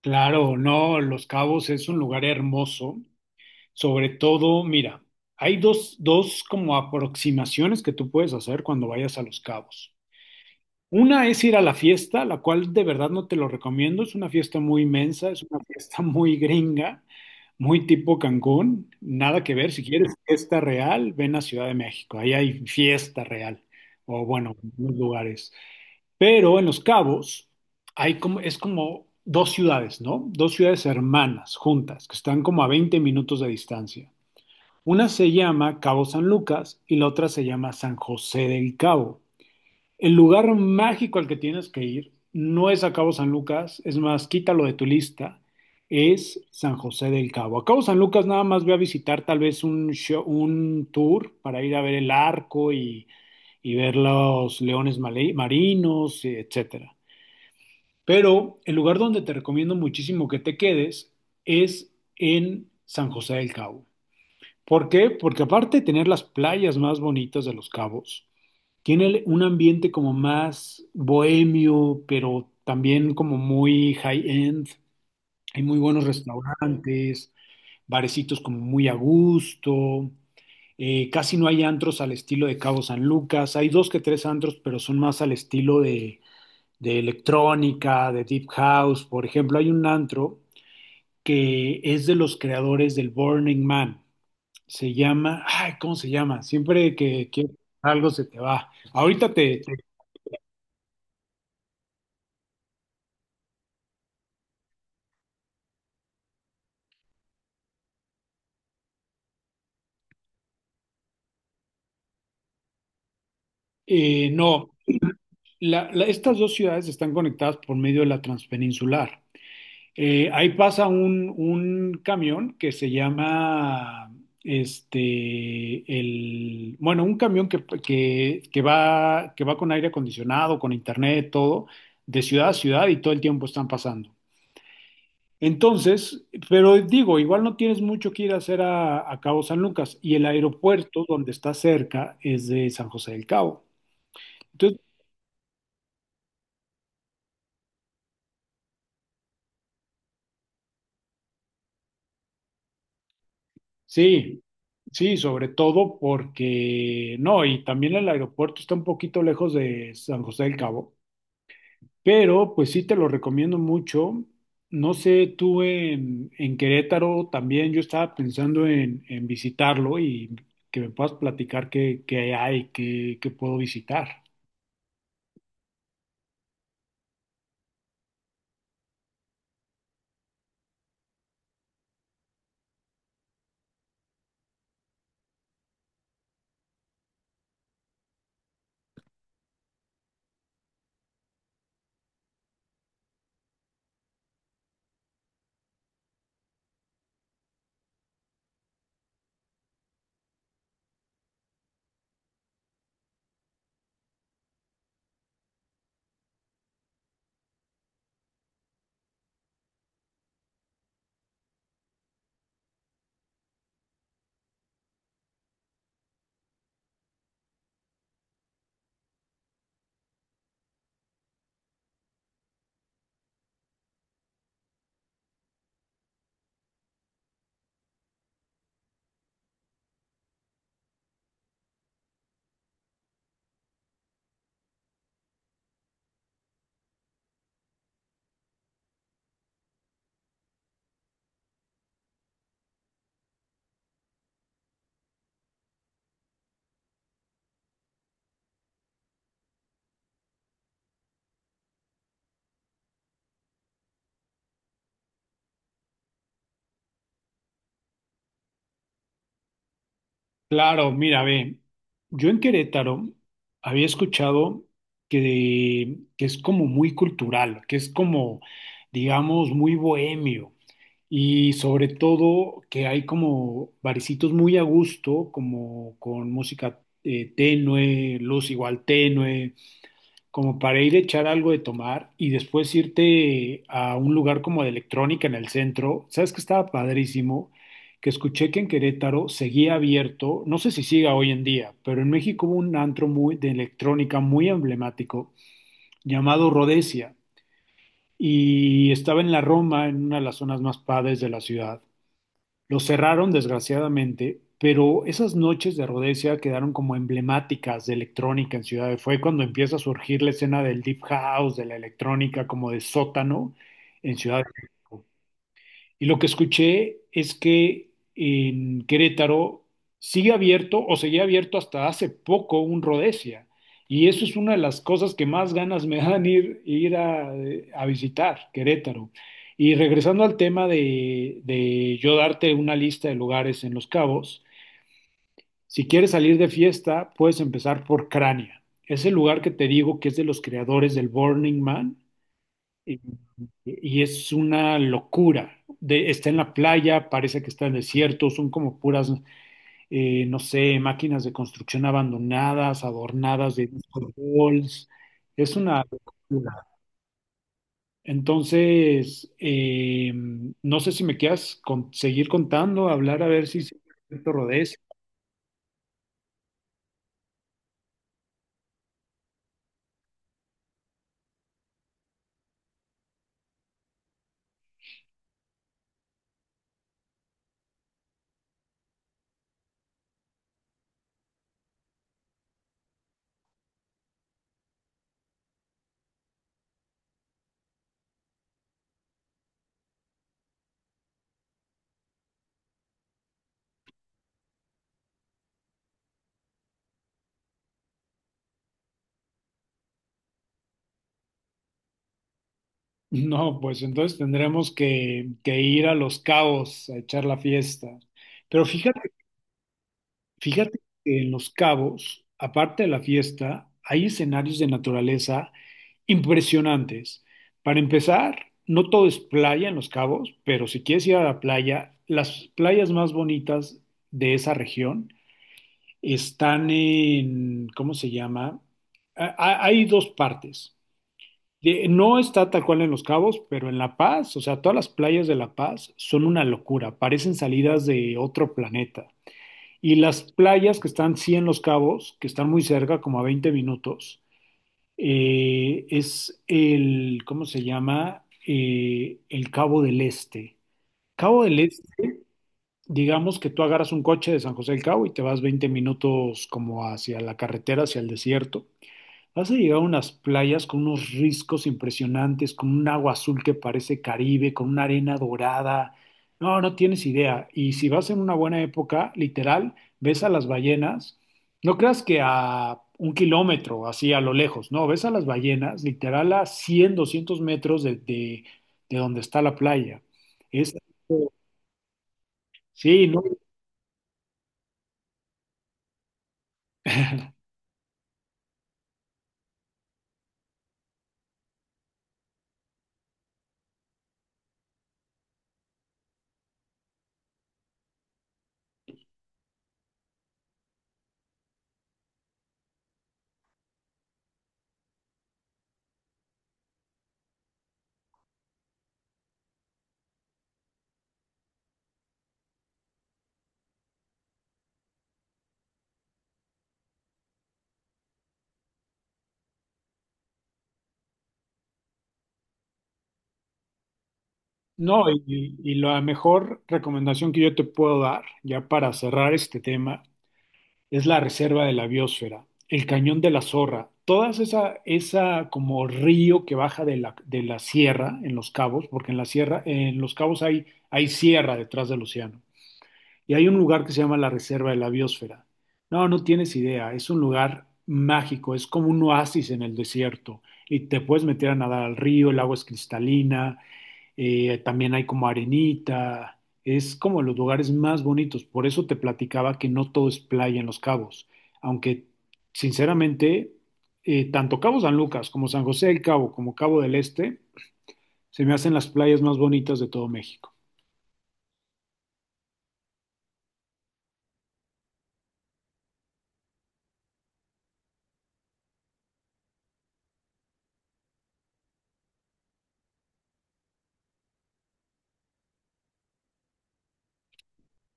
Claro, no, Los Cabos es un lugar hermoso. Sobre todo, mira, hay dos como aproximaciones que tú puedes hacer cuando vayas a Los Cabos. Una es ir a la fiesta, la cual de verdad no te lo recomiendo. Es una fiesta muy inmensa, es una fiesta muy gringa, muy tipo Cancún. Nada que ver. Si quieres fiesta real, ven a Ciudad de México. Ahí hay fiesta real. O bueno, en algunos lugares. Pero en Los Cabos hay como, es como dos ciudades, ¿no? Dos ciudades hermanas, juntas, que están como a 20 minutos de distancia. Una se llama Cabo San Lucas y la otra se llama San José del Cabo. El lugar mágico al que tienes que ir no es a Cabo San Lucas, es más, quítalo de tu lista, es San José del Cabo. A Cabo San Lucas nada más voy a visitar tal vez un tour para ir a ver el arco y ver los leones marinos, etcétera. Pero el lugar donde te recomiendo muchísimo que te quedes es en San José del Cabo. ¿Por qué? Porque aparte de tener las playas más bonitas de Los Cabos, tiene un ambiente como más bohemio, pero también como muy high-end. Hay muy buenos restaurantes, barecitos como muy a gusto. Casi no hay antros al estilo de Cabo San Lucas. Hay dos que tres antros, pero son más al estilo de electrónica, de deep house. Por ejemplo, hay un antro que es de los creadores del Burning Man. Se llama, ay, ¿cómo se llama? Siempre que quieres algo se te va. Ahorita no, estas dos ciudades están conectadas por medio de la transpeninsular. Ahí pasa un camión que se llama, este, el, bueno, un camión que va con aire acondicionado, con internet, todo, de ciudad a ciudad y todo el tiempo están pasando. Entonces, pero digo, igual no tienes mucho que ir a hacer a Cabo San Lucas y el aeropuerto donde está cerca es de San José del Cabo. Entonces sí, sí, sobre todo porque no, y también el aeropuerto está un poquito lejos de San José del Cabo, pero pues sí te lo recomiendo mucho. No sé, tú en Querétaro también yo estaba pensando en visitarlo y que me puedas platicar qué, qué hay, qué, qué puedo visitar. Claro, mira, ve, yo en Querétaro había escuchado que es como muy cultural, que es como, digamos, muy bohemio y sobre todo que hay como barecitos muy a gusto, como con música tenue, luz igual tenue, como para ir a echar algo de tomar y después irte a un lugar como de electrónica en el centro. ¿Sabes que estaba padrísimo? Que escuché que en Querétaro seguía abierto, no sé si siga hoy en día, pero en México hubo un antro muy, de electrónica muy emblemático llamado Rhodesia y estaba en la Roma, en una de las zonas más padres de la ciudad. Lo cerraron, desgraciadamente, pero esas noches de Rhodesia quedaron como emblemáticas de electrónica en Ciudad de Fue cuando empieza a surgir la escena del deep house, de la electrónica como de sótano en Ciudad de México. Y lo que escuché es que en Querétaro sigue abierto o seguía abierto hasta hace poco un Rhodesia. Y eso es una de las cosas que más ganas me dan ir, ir a visitar, Querétaro. Y regresando al tema de yo darte una lista de lugares en Los Cabos, si quieres salir de fiesta, puedes empezar por Crania. Es el lugar que te digo que es de los creadores del Burning Man y, y es una locura. Está en la playa, parece que está en el desierto, son como puras, no sé, máquinas de construcción abandonadas, adornadas de disco balls. Es una locura. Entonces, no sé si me quieras seguir contando, hablar a ver si se rodez. No, pues entonces tendremos que ir a Los Cabos a echar la fiesta. Pero fíjate. Fíjate que en Los Cabos, aparte de la fiesta, hay escenarios de naturaleza impresionantes. Para empezar, no todo es playa en Los Cabos, pero si quieres ir a la playa, las playas más bonitas de esa región están en, ¿cómo se llama? Hay dos partes. No está tal cual en Los Cabos, pero en La Paz, o sea, todas las playas de La Paz son una locura, parecen salidas de otro planeta. Y las playas que están, sí, en Los Cabos, que están muy cerca, como a 20 minutos, es el, ¿cómo se llama? El Cabo del Este. Cabo del Este, digamos que tú agarras un coche de San José del Cabo y te vas 20 minutos como hacia la carretera, hacia el desierto. Has llegado a unas playas con unos riscos impresionantes, con un agua azul que parece Caribe, con una arena dorada. No, no tienes idea. Y si vas en una buena época, literal, ves a las ballenas. No creas que a 1 kilómetro, así a lo lejos, no, ves a las ballenas, literal a 100, 200 metros de donde está la playa. Es, sí, no, no, y la mejor recomendación que yo te puedo dar, ya para cerrar este tema, es la reserva de la biosfera, el cañón de la Zorra, todas esa, esa como río que baja de la sierra en Los Cabos, porque en la sierra, en Los Cabos hay, hay sierra detrás del océano, y hay un lugar que se llama la reserva de la biosfera. No, no tienes idea, es un lugar mágico, es como un oasis en el desierto, y te puedes meter a nadar al río, el agua es cristalina, también hay como arenita, es como los lugares más bonitos. Por eso te platicaba que no todo es playa en Los Cabos, aunque sinceramente, tanto Cabo San Lucas como San José del Cabo como Cabo del Este se me hacen las playas más bonitas de todo México.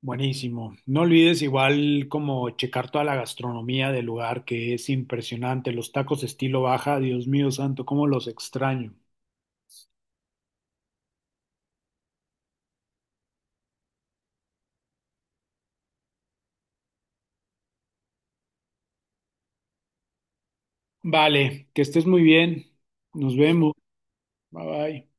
Buenísimo. No olvides igual como checar toda la gastronomía del lugar, que es impresionante. Los tacos estilo baja, Dios mío santo, cómo los extraño. Vale, que estés muy bien. Nos vemos. Bye bye.